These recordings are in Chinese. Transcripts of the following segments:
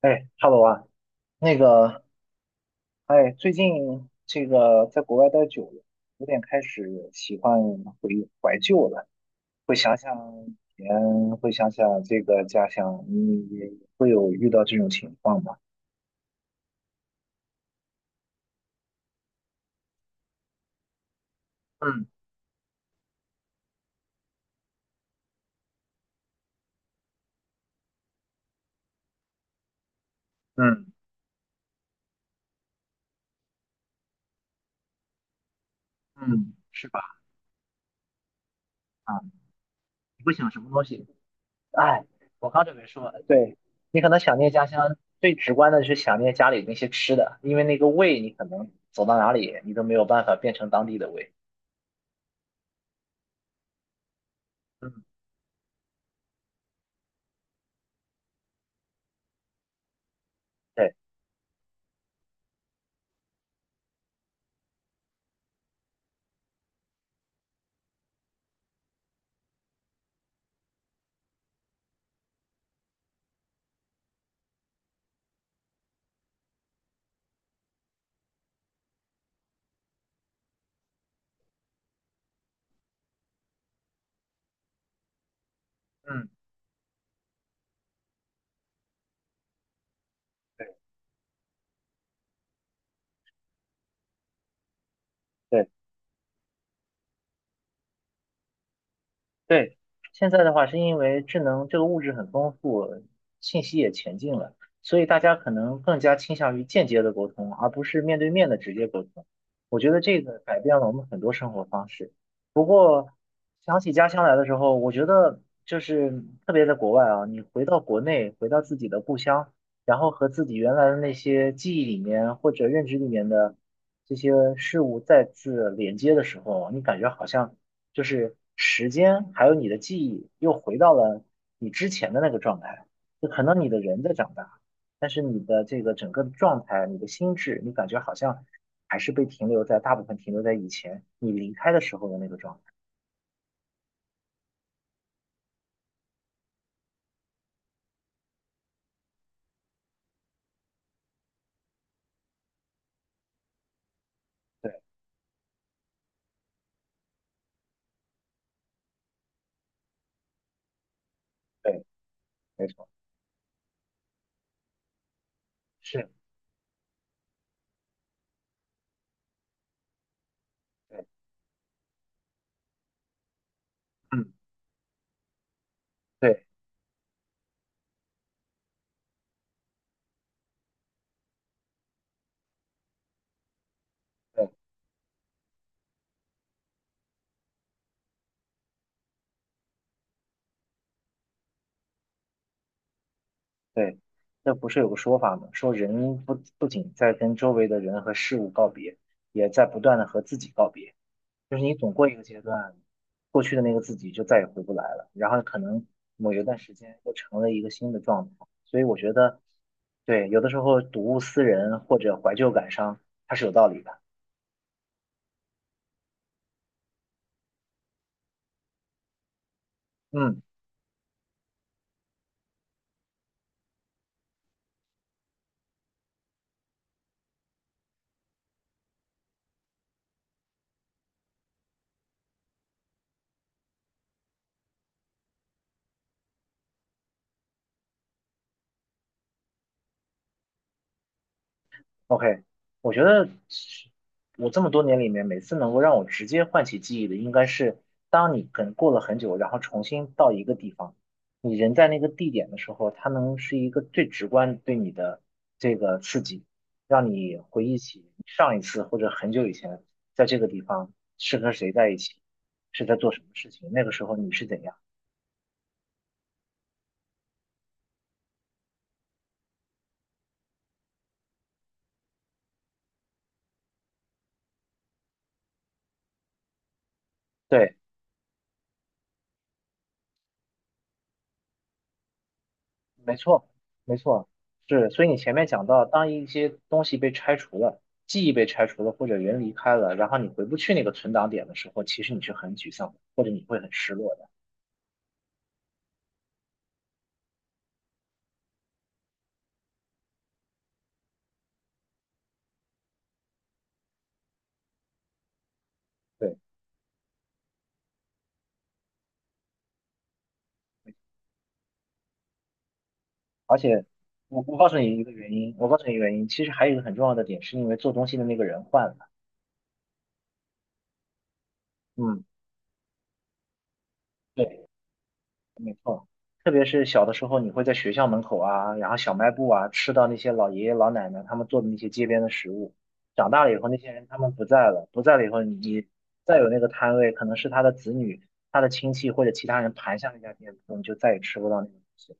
哎哈 啊，那个，哎，最近这个在国外待久了，有点开始喜欢怀旧了，会想想以前，会想想这个家乡，你也会有遇到这种情况吗？嗯嗯嗯，是吧？啊，你会想什么东西？哎，我刚准备说，对，你可能想念家乡，最直观的是想念家里那些吃的，因为那个味，你可能走到哪里，你都没有办法变成当地的味。嗯，对，嗯。对。对对，现在的话是因为智能这个物质很丰富，信息也前进了，所以大家可能更加倾向于间接的沟通，而不是面对面的直接沟通。我觉得这个改变了我们很多生活方式。不过想起家乡来的时候，我觉得就是特别在国外啊，你回到国内，回到自己的故乡，然后和自己原来的那些记忆里面或者认知里面的这些事物再次连接的时候，你感觉好像。就是时间还有你的记忆又回到了你之前的那个状态。就可能你的人在长大，但是你的这个整个的状态、你的心智，你感觉好像还是被停留在大部分停留在以前你离开的时候的那个状态。对对，没错，是，对，嗯，对对对，那不是有个说法吗？说人不仅在跟周围的人和事物告别，也在不断的和自己告别。就是你总过一个阶段，过去的那个自己就再也回不来了，然后可能某一段时间又成了一个新的状态，所以我觉得，对，有的时候睹物思人或者怀旧感伤，它是有道理的。嗯。OK，我觉得我这么多年里面，每次能够让我直接唤起记忆的，应该是当你可能过了很久，然后重新到一个地方，你人在那个地点的时候，它能是一个最直观对你的这个刺激，让你回忆起上一次或者很久以前在这个地方是和谁在一起，是在做什么事情，那个时候你是怎样。对。没错，没错，是。所以你前面讲到，当一些东西被拆除了，记忆被拆除了，或者人离开了，然后你回不去那个存档点的时候，其实你是很沮丧的，或者你会很失落的。对，而且我告诉你一个原因，我告诉你一个原因，其实还有一个很重要的点，是因为做东西的那个人换了。嗯，对。特别是小的时候，你会在学校门口啊，然后小卖部啊，吃到那些老爷爷老奶奶他们做的那些街边的食物。长大了以后，那些人他们不在了，不在了以后，你再有那个摊位，可能是他的子女、他的亲戚或者其他人盘下那家店铺，你就再也吃不到那个东西。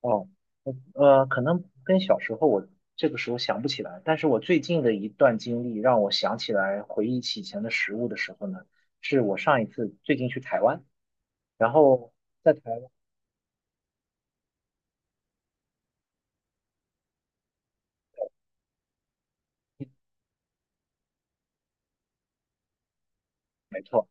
哦，我可能跟小时候我这个时候想不起来，但是我最近的一段经历让我想起来，回忆起以前的食物的时候呢，是我上一次最近去台湾，然后在台湾，没错。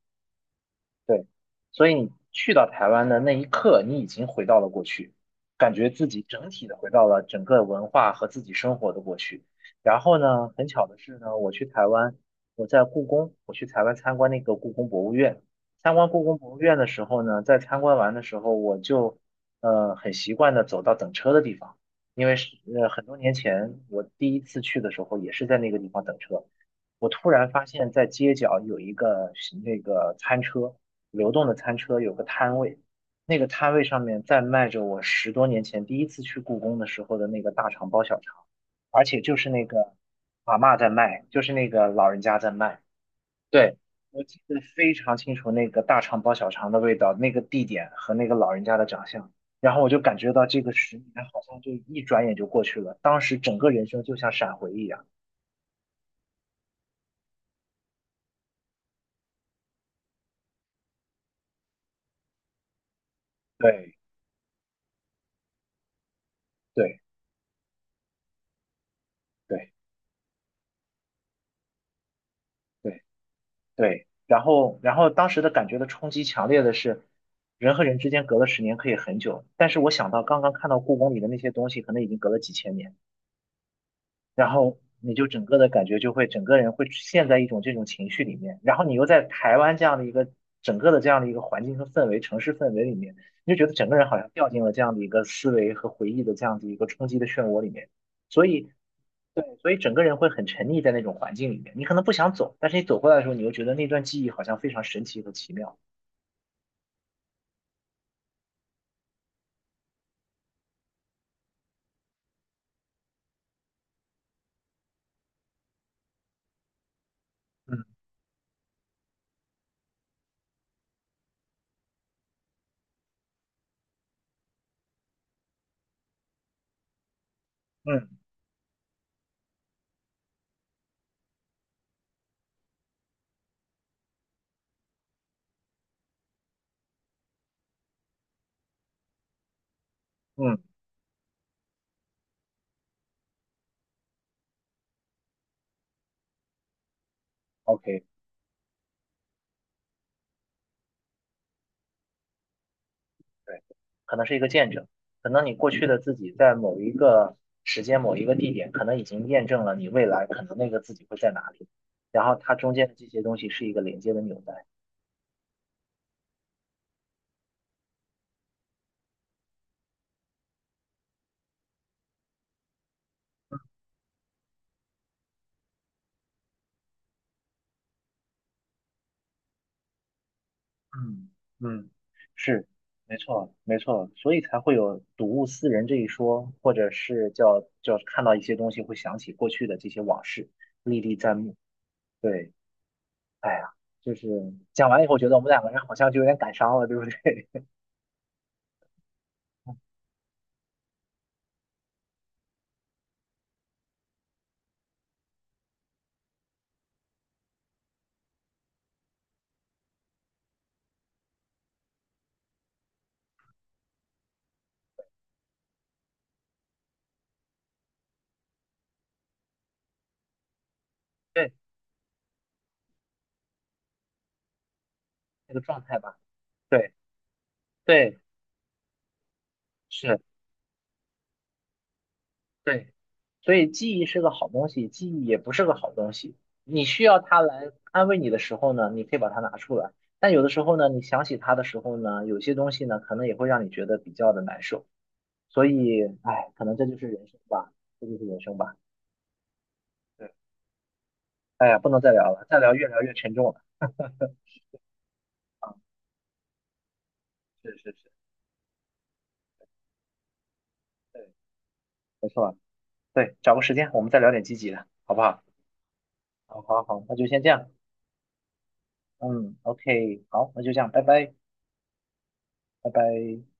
对，所以你去到台湾的那一刻，你已经回到了过去，感觉自己整体的回到了整个文化和自己生活的过去。然后呢，很巧的是呢，我去台湾，我在故宫，我去台湾参观那个故宫博物院。参观故宫博物院的时候呢，在参观完的时候，我就很习惯的走到等车的地方，因为是很多年前我第一次去的时候，也是在那个地方等车。我突然发现，在街角有一个那个餐车。流动的餐车有个摊位，那个摊位上面在卖着我十多年前第一次去故宫的时候的那个大肠包小肠，而且就是那个阿嬷在卖，就是那个老人家在卖。对，我记得非常清楚那个大肠包小肠的味道、那个地点和那个老人家的长相，然后我就感觉到这个十年好像就一转眼就过去了，当时整个人生就像闪回一样。对对对对。对，然后当时的感觉的冲击强烈的是，人和人之间隔了十年可以很久，但是我想到刚刚看到故宫里的那些东西，可能已经隔了几千年，然后你就整个的感觉就会，整个人会陷在一种这种情绪里面，然后你又在台湾这样的一个整个的这样的一个环境和氛围、城市氛围里面，你就觉得整个人好像掉进了这样的一个思维和回忆的这样的一个冲击的漩涡里面，所以。对，所以整个人会很沉溺在那种环境里面，你可能不想走，但是你走过来的时候，你又觉得那段记忆好像非常神奇和奇妙。嗯嗯嗯，OK，对，可能是一个见证，可能你过去的自己在某一个时间、某一个地点，可能已经验证了你未来可能那个自己会在哪里，然后它中间的这些东西是一个连接的纽带。嗯嗯，是，没错没错，所以才会有睹物思人这一说，或者是叫看到一些东西会想起过去的这些往事，历历在目。对，哎呀，就是讲完以后，觉得我们两个人好像就有点感伤了，对不对？对，那个状态吧。对对，是对，所以记忆是个好东西，记忆也不是个好东西。你需要它来安慰你的时候呢，你可以把它拿出来；但有的时候呢，你想起它的时候呢，有些东西呢，可能也会让你觉得比较的难受。所以，哎，可能这就是人生吧，这就是人生吧。对，哎呀，不能再聊了，再聊越聊越沉重了。啊，是是是，对，没错，对，找个时间我们再聊点积极的，好不好？好，好，好，那就先这样。嗯，OK，好，那就这样，拜拜，拜拜。